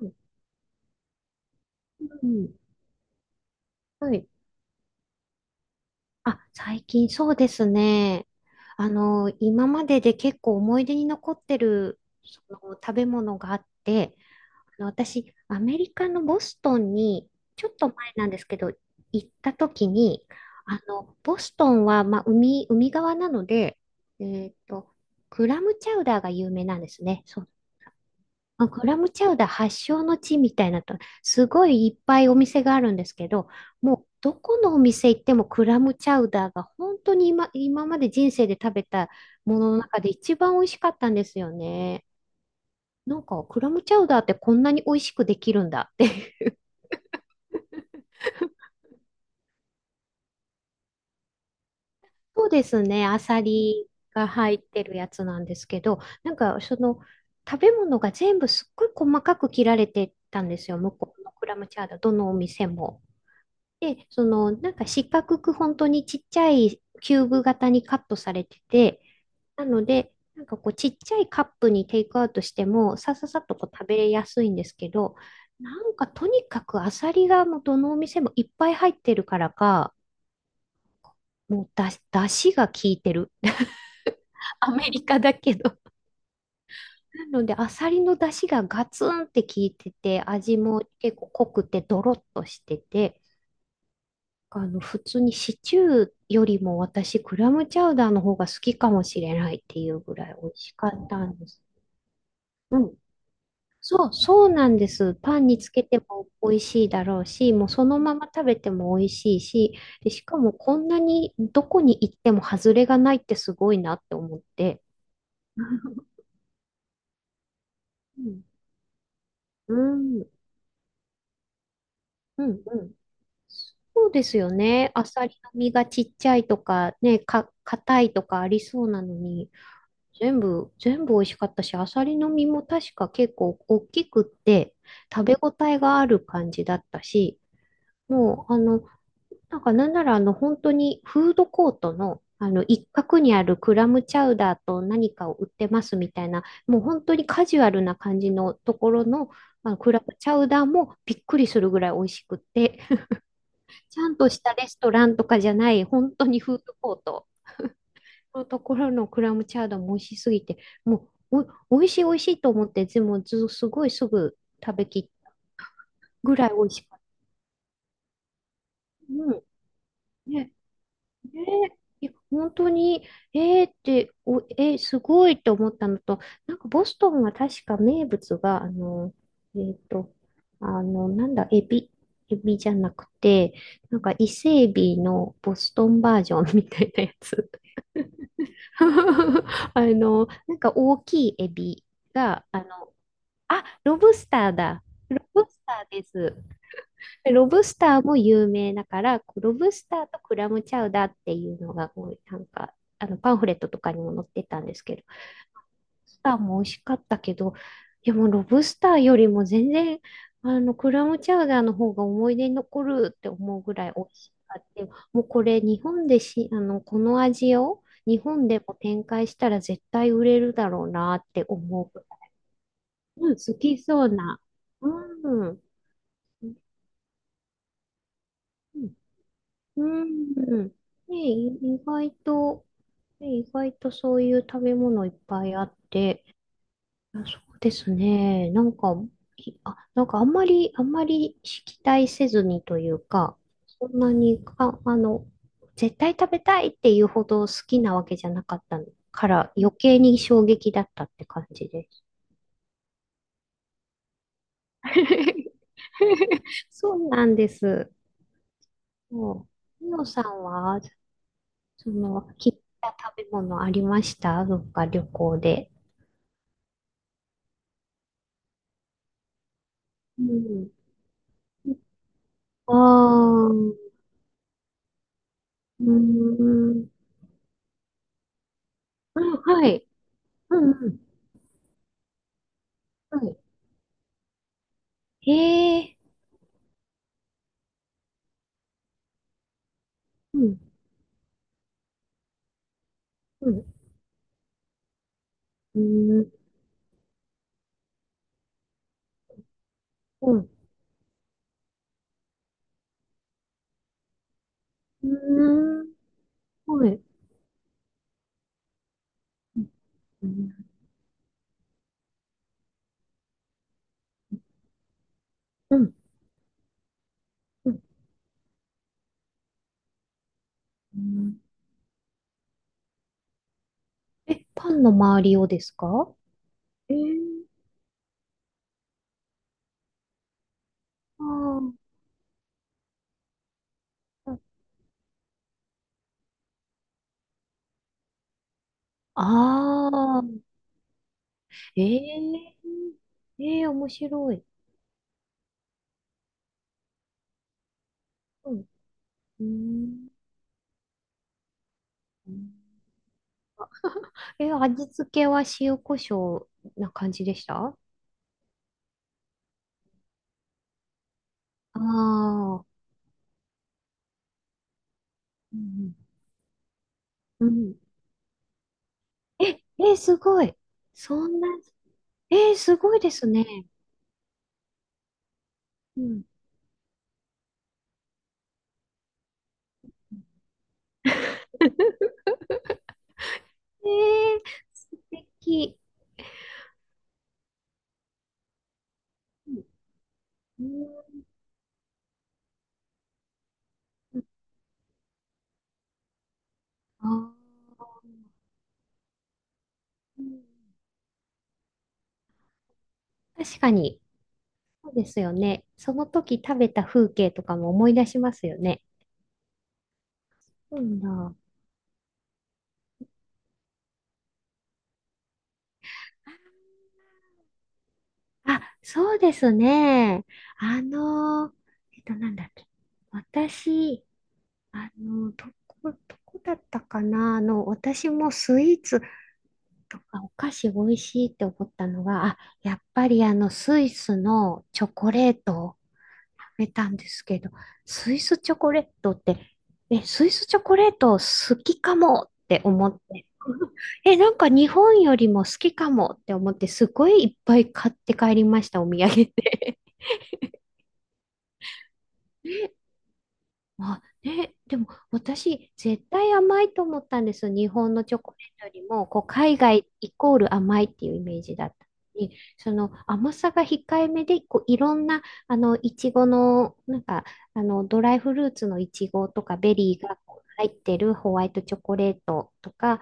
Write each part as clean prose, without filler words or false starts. うん。はい。あ、最近そうですね。今までで結構思い出に残ってる、その食べ物があって、私、アメリカのボストンに、ちょっと前なんですけど、行った時に、ボストンは、まあ、海側なので、えっと、クラムチャウダーが有名なんですね。まあグラムチャウダー発祥の地みたいなと、すごいいっぱいお店があるんですけど、もうどこのお店行ってもクラムチャウダーが本当に今まで人生で食べたものの中で一番美味しかったんですよね。なんかクラムチャウダーってこんなに美味しくできるんだって。そうですね、アサリが入ってるやつなんですけど、なんかその食べ物が全部すっごい細かく切られてたんですよ、向こうのクラムチャウダー、どのお店も。で、その、なんか四角く本当にちっちゃいキューブ型にカットされてて、なので、なんかこうちっちゃいカップにテイクアウトしても、さささっとこう食べやすいんですけど、なんかとにかくアサリがもうどのお店もいっぱい入ってるからか、もうだしが効いてる。アメリカだけど。なので、アサリのだしがガツンって効いてて、味も結構濃くてドロッとしてて、普通にシチューよりも私、クラムチャウダーの方が好きかもしれないっていうぐらい美味しかったんです。うん。そうなんです。パンにつけても美味しいだろうし、もうそのまま食べても美味しいし、で、しかもこんなにどこに行っても外れがないってすごいなって思って。うん、うん、うん、うん、そうですよね。アサリの身がちっちゃいとか、ね、硬いとかありそうなのに。全部美味しかったし、アサリの身も確か結構大きくって、食べ応えがある感じだったし、もう、なんかなんなら本当にフードコートの、一角にあるクラムチャウダーと何かを売ってますみたいな、もう本当にカジュアルな感じのところの、あのクラムチャウダーもびっくりするぐらい美味しくって、ちゃんとしたレストランとかじゃない、本当にフードコートのところのクラムチャウダーも美味しすぎて、もう美味しい美味しいと思って、でもず、すごいすぐ食べきぐらい美味しかった。うん。ね、ね、いや本当に、えーって、えーすごいと思ったのと、なんかボストンは確か名物が、えっと、なんだ、エビ、エビじゃなくて、なんか伊勢エビのボストンバージョンみたいなやつ。なんか大きいエビが、あ、ロブスターだ。ロブスターです。ロブスターも有名だから、こうロブスターとクラムチャウダーっていうのが、こうなんか、あのパンフレットとかにも載ってたんですけど、ロブスターも美味しかったけど、いやもうロブスターよりも全然、クラムチャウダーの方が思い出に残るって思うぐらい美味しかった。もうこれ、日本でし、あの、この味を日本でも展開したら絶対売れるだろうなって思う。うん、好きそうな。うん。うん。うんね、意外と、ね、意外とそういう食べ物いっぱいあって、あそうですね。なんか、なんかあんまり、あんまり期待せずにというか、そんなにか、あの、絶対食べたいっていうほど好きなわけじゃなかったから余計に衝撃だったって感じです。そうなんです。もう、みのさんはその、切った食べ物ありました？どっか旅行で。うん。ああ、うーん。あ、はい。うんうん。はい。へえ。うん。うん。うん。うん。うーん。はい。うん。うん。うん。うん。え、パンの周りをですか？え、ああ。あーあー。ええ。ええ、面白い。うん。うん。え、味付けは塩コショウな感じでした？ああー、うんうん。うん、え、え、すごい。そんな、え、すごいですね。うん。えー、素敵。うん。あー、うん、確かに、そうですよね。その時食べた風景とかも思い出しますよね。うんだ。あ、そうですね。あのなんだっけ。私、どこだったかな、私もスイーツとかお菓子美味しいって思ったのが、あ、やっぱりスイスのチョコレートを食べたんですけど、スイスチョコレートって、え、スイスチョコレート好きかもって思って、え、なんか日本よりも好きかもって思って、すごいいっぱい買って帰りました、お土産で。あ、ね、でも私、絶対甘いと思ったんですよ。日本のチョコレートよりも、こう、海外イコール甘いっていうイメージだったのに、その甘さが控えめで、こう、いろんな、いちごの、なんか、ドライフルーツのいちごとか、ベリーがこう入ってるホワイトチョコレートとか、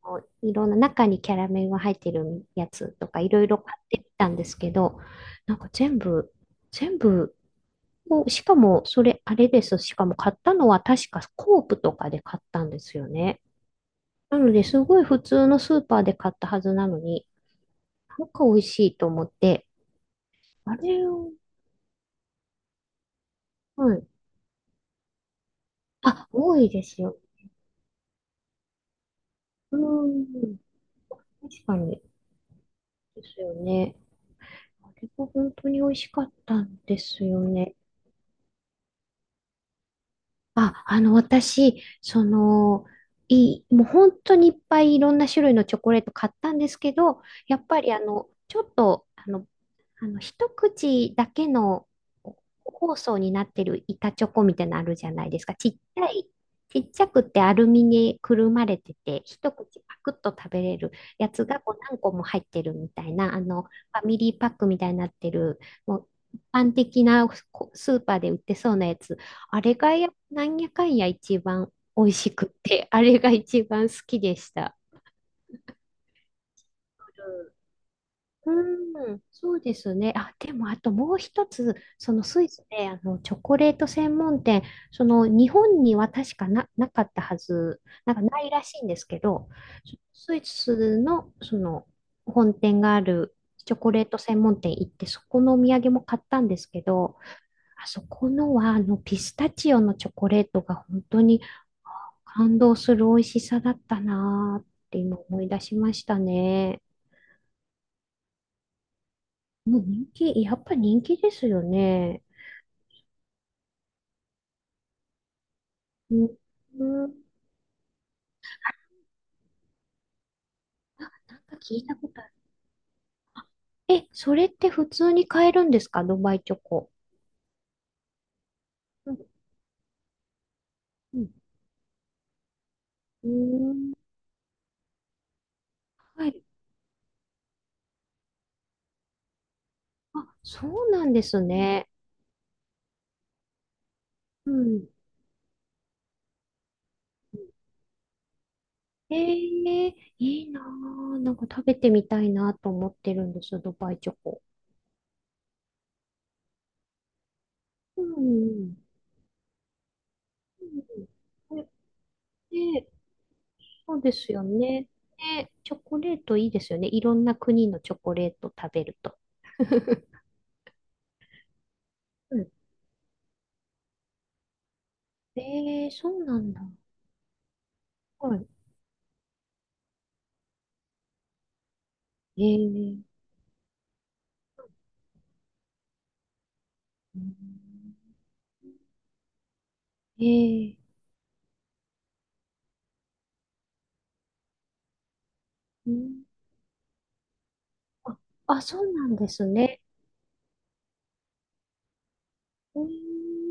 こういろんな中にキャラメルが入ってるやつとか、いろいろ買ってみたんですけど、なんか全部、もうしかも、それ、あれです。しかも買ったのは確かコープとかで買ったんですよね。なので、すごい普通のスーパーで買ったはずなのに、なんか美味しいと思って、あれを、はい。あ、多いですよ。うーん。確かに。ですよね。あれが本当に美味しかったんですよね。あ、私、その、いい、もう本当にいっぱいいろんな種類のチョコレート買ったんですけど、やっぱりあの、ちょっと、あの、あの、一口だけの包装になってる板チョコみたいなのあるじゃないですか。ちっちゃくてアルミにくるまれてて、一口パクッと食べれるやつがこう何個も入ってるみたいな、ファミリーパックみたいになってる、もう一般的なスーパーで売ってそうなやつ。あれがなんやかんや一番美味しくて、あれが一番好きでした。うん、そうですね。あ、でも、あともう一つ、そのスイスで、チョコレート専門店、その、日本には確かなかったはず、なんかないらしいんですけど、スイスの、その、本店があるチョコレート専門店行って、そこのお土産も買ったんですけど、あそこのは、ピスタチオのチョコレートが本当に感動する美味しさだったなーって今思い出しましたね。もう人気、やっぱ人気ですよね。うん。うん、あ、なんか聞いたことある。え、それって普通に買えるんですか？ドバイチョコ。うん。うん。うーん、はい。あ、そうなんですね。うん。えー、いいなぁ。なんか食べてみたいなと思ってるんですよ、ドバイチョコ。うん。うんうん、ね、そうですよね。ね、チョコレートいいですよね。いろんな国のチョコレート食べると。ええ、そうなんだ。はい。ええ、うん、ええ、うん、あ、あ、そうなんですね。うん、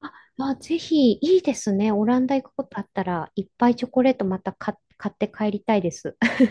あ、あ、ぜひ、いいですね。オランダ行くことあったら、いっぱいチョコレートまた買って帰りたいです。